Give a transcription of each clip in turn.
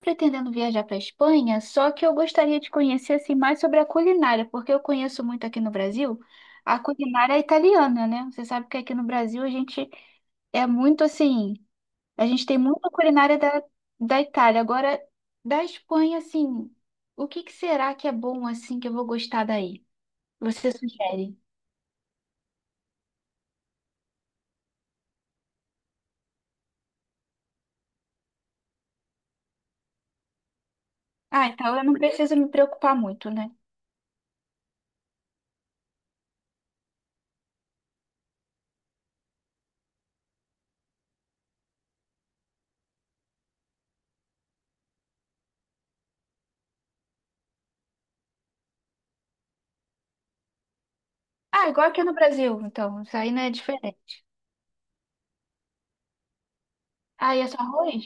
Pretendendo viajar para a Espanha, só que eu gostaria de conhecer assim mais sobre a culinária, porque eu conheço muito aqui no Brasil a culinária italiana, né? Você sabe que aqui no Brasil a gente é muito assim, a gente tem muita culinária da, da Itália. Agora, da Espanha, assim, o que que será que é bom assim que eu vou gostar daí? Você sugere? Ah, então eu não preciso me preocupar muito, né? Ah, igual aqui no Brasil, então, isso aí não é diferente. Ah, e é só arroz?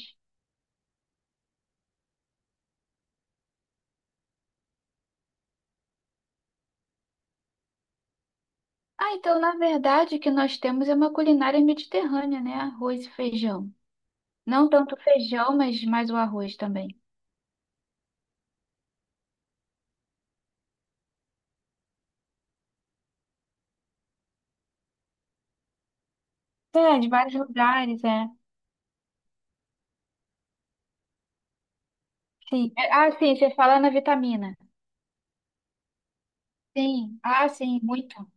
Ah, então na verdade o que nós temos é uma culinária mediterrânea, né? Arroz e feijão. Não tanto feijão, mas mais o arroz também. É, de vários lugares, é. Sim. É, ah, sim, você fala na vitamina. Sim, ah, sim, muito.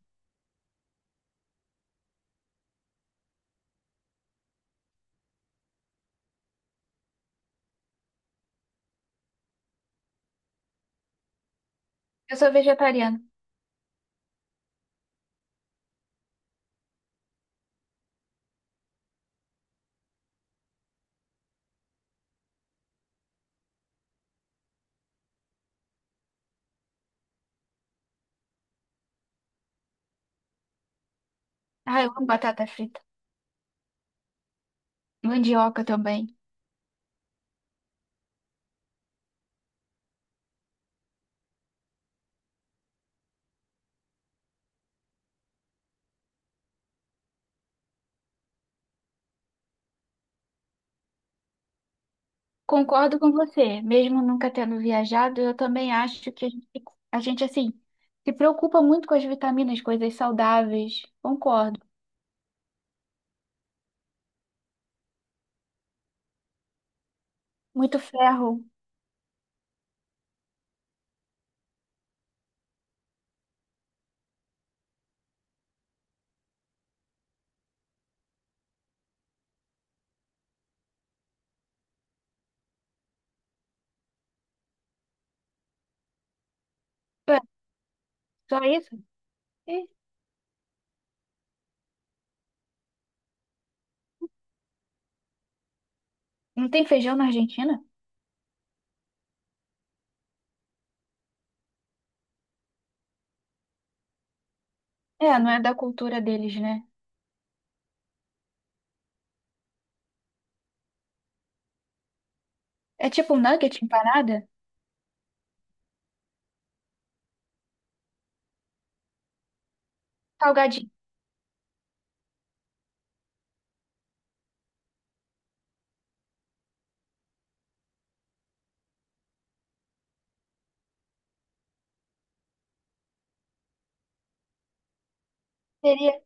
Eu sou vegetariana. Ah, eu amo batata frita. Mandioca também. Concordo com você. Mesmo nunca tendo viajado, eu também acho que a gente, assim, se preocupa muito com as vitaminas, coisas saudáveis. Concordo. Muito ferro. É, só isso? Não tem feijão na Argentina? É, não é da cultura deles, né? É tipo um nugget empanada? Salgadinho. Seria,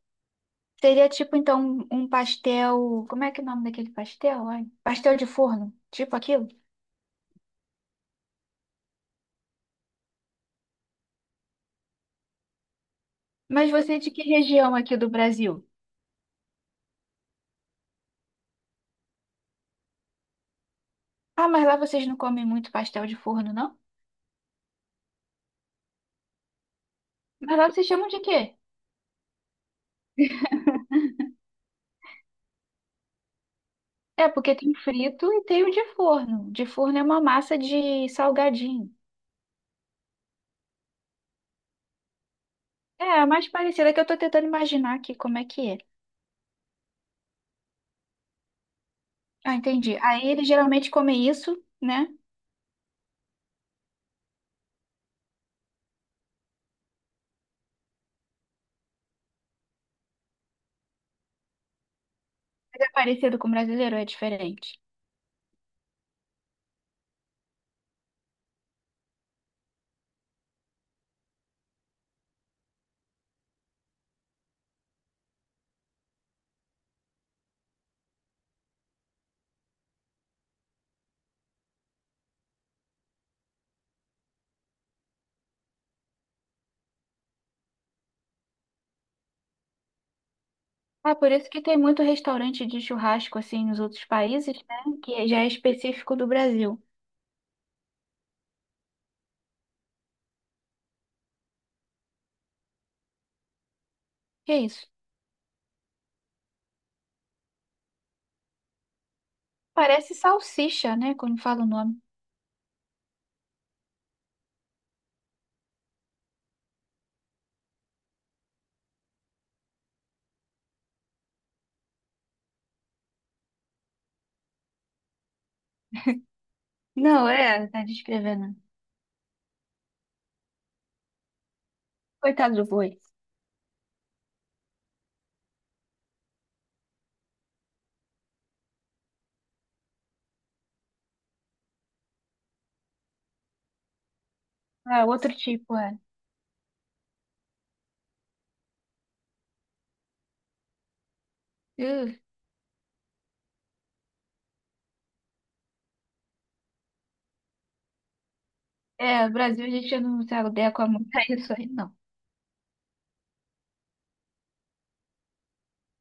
seria tipo, então, um pastel. Como é que é o nome daquele pastel? Ai, pastel de forno. Tipo aquilo. Mas você é de que região aqui do Brasil? Ah, mas lá vocês não comem muito pastel de forno, não? Mas lá vocês chamam de quê? É, porque tem frito e tem o de forno. De forno é uma massa de salgadinho. É, a mais parecida que eu tô tentando imaginar aqui como é que é. Ah, entendi. Aí eles geralmente comem isso, né? Mas é parecido com o brasileiro, ou é diferente. Ah, por isso que tem muito restaurante de churrasco assim nos outros países, né? Que já é específico do Brasil. Que é isso? Parece salsicha, né? Quando fala o nome. Não, é, tá descrevendo. Coitado do boi. Ah, outro tipo, é. Uh, é, o Brasil a gente não se adequa muito a isso aí, não.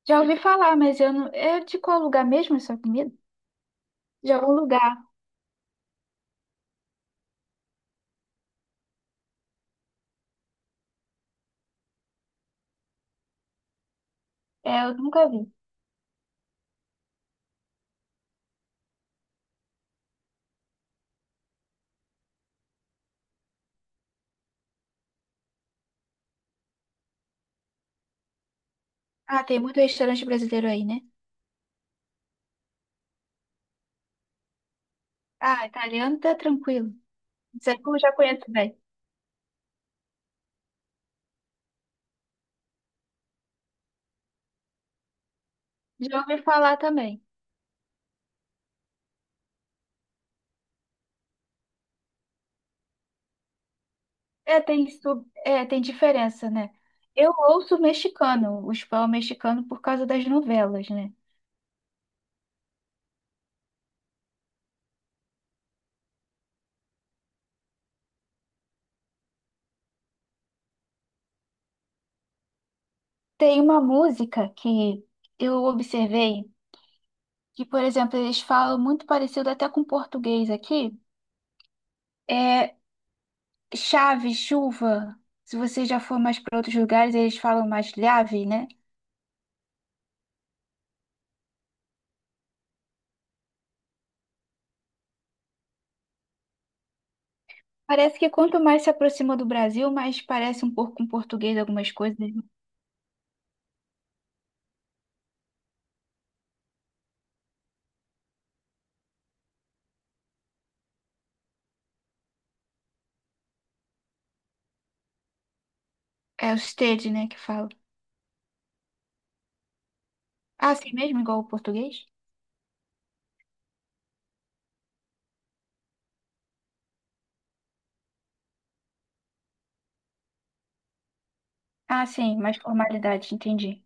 Já ouvi falar, mas eu não. É de qual lugar mesmo essa comida? De algum lugar. É, eu nunca vi. Ah, tem muito restaurante brasileiro aí, né? Ah, italiano tá tranquilo. Isso aí eu já conheço bem. Já ouvi falar também. É, tem sub... é, tem diferença, né? Eu ouço mexicano, o espanhol mexicano por causa das novelas, né? Tem uma música que eu observei que, por exemplo, eles falam muito parecido até com português aqui. É chave, chuva. Se você já for mais para outros lugares, eles falam mais lhave, né? Parece que quanto mais se aproxima do Brasil, mais parece um pouco com português algumas coisas. É o stage, né, que fala. Ah, assim mesmo, igual o português? Ah, sim, mais formalidade, entendi.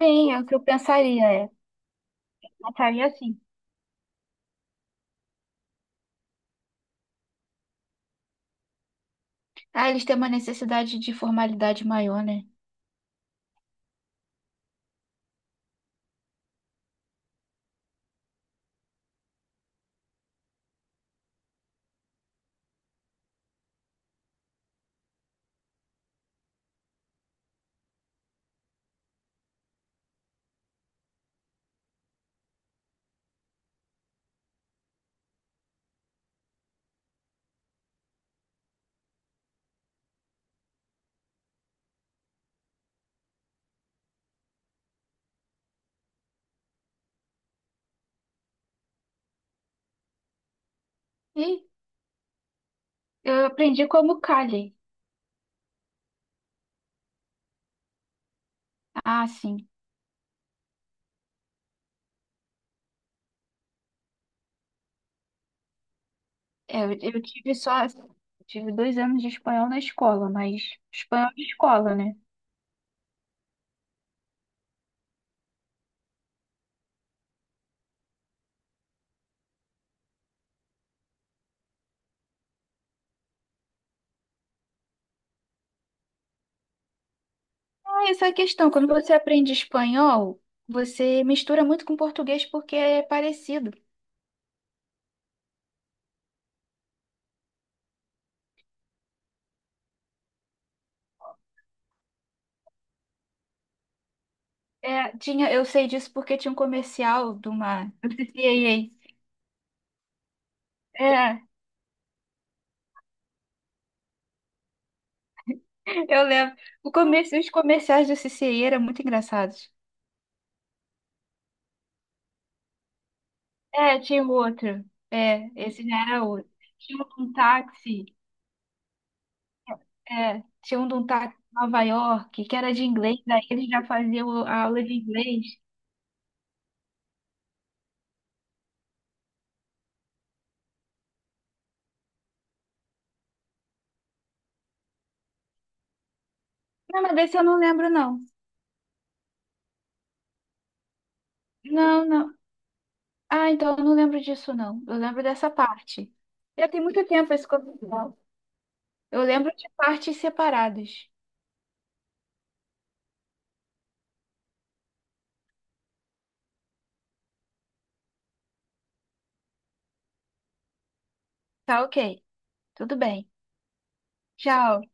Sim, é o que eu pensaria, é. Pensaria assim. Ah, eles têm uma necessidade de formalidade maior, né? E eu aprendi como Kali. Ah, sim. É, eu tive só. Tive 2 anos de espanhol na escola, mas espanhol de escola, né? Ah, essa é a questão. Quando você aprende espanhol, você mistura muito com português porque é parecido. É, tinha, eu sei disso porque tinha um comercial de uma. do é. Eu lembro. O começo, os comerciais do CCI eram muito engraçados. É, tinha um outro. É, esse já era outro. Tinha um de um táxi. É, tinha um de um táxi em Nova York, que era de inglês, daí eles já faziam a aula de inglês. Não, mas desse eu não lembro, não. Não, não. Ah, então eu não lembro disso, não. Eu lembro dessa parte. Já tem muito tempo esse comercial. Eu lembro de partes separadas. Tá ok. Tudo bem. Tchau.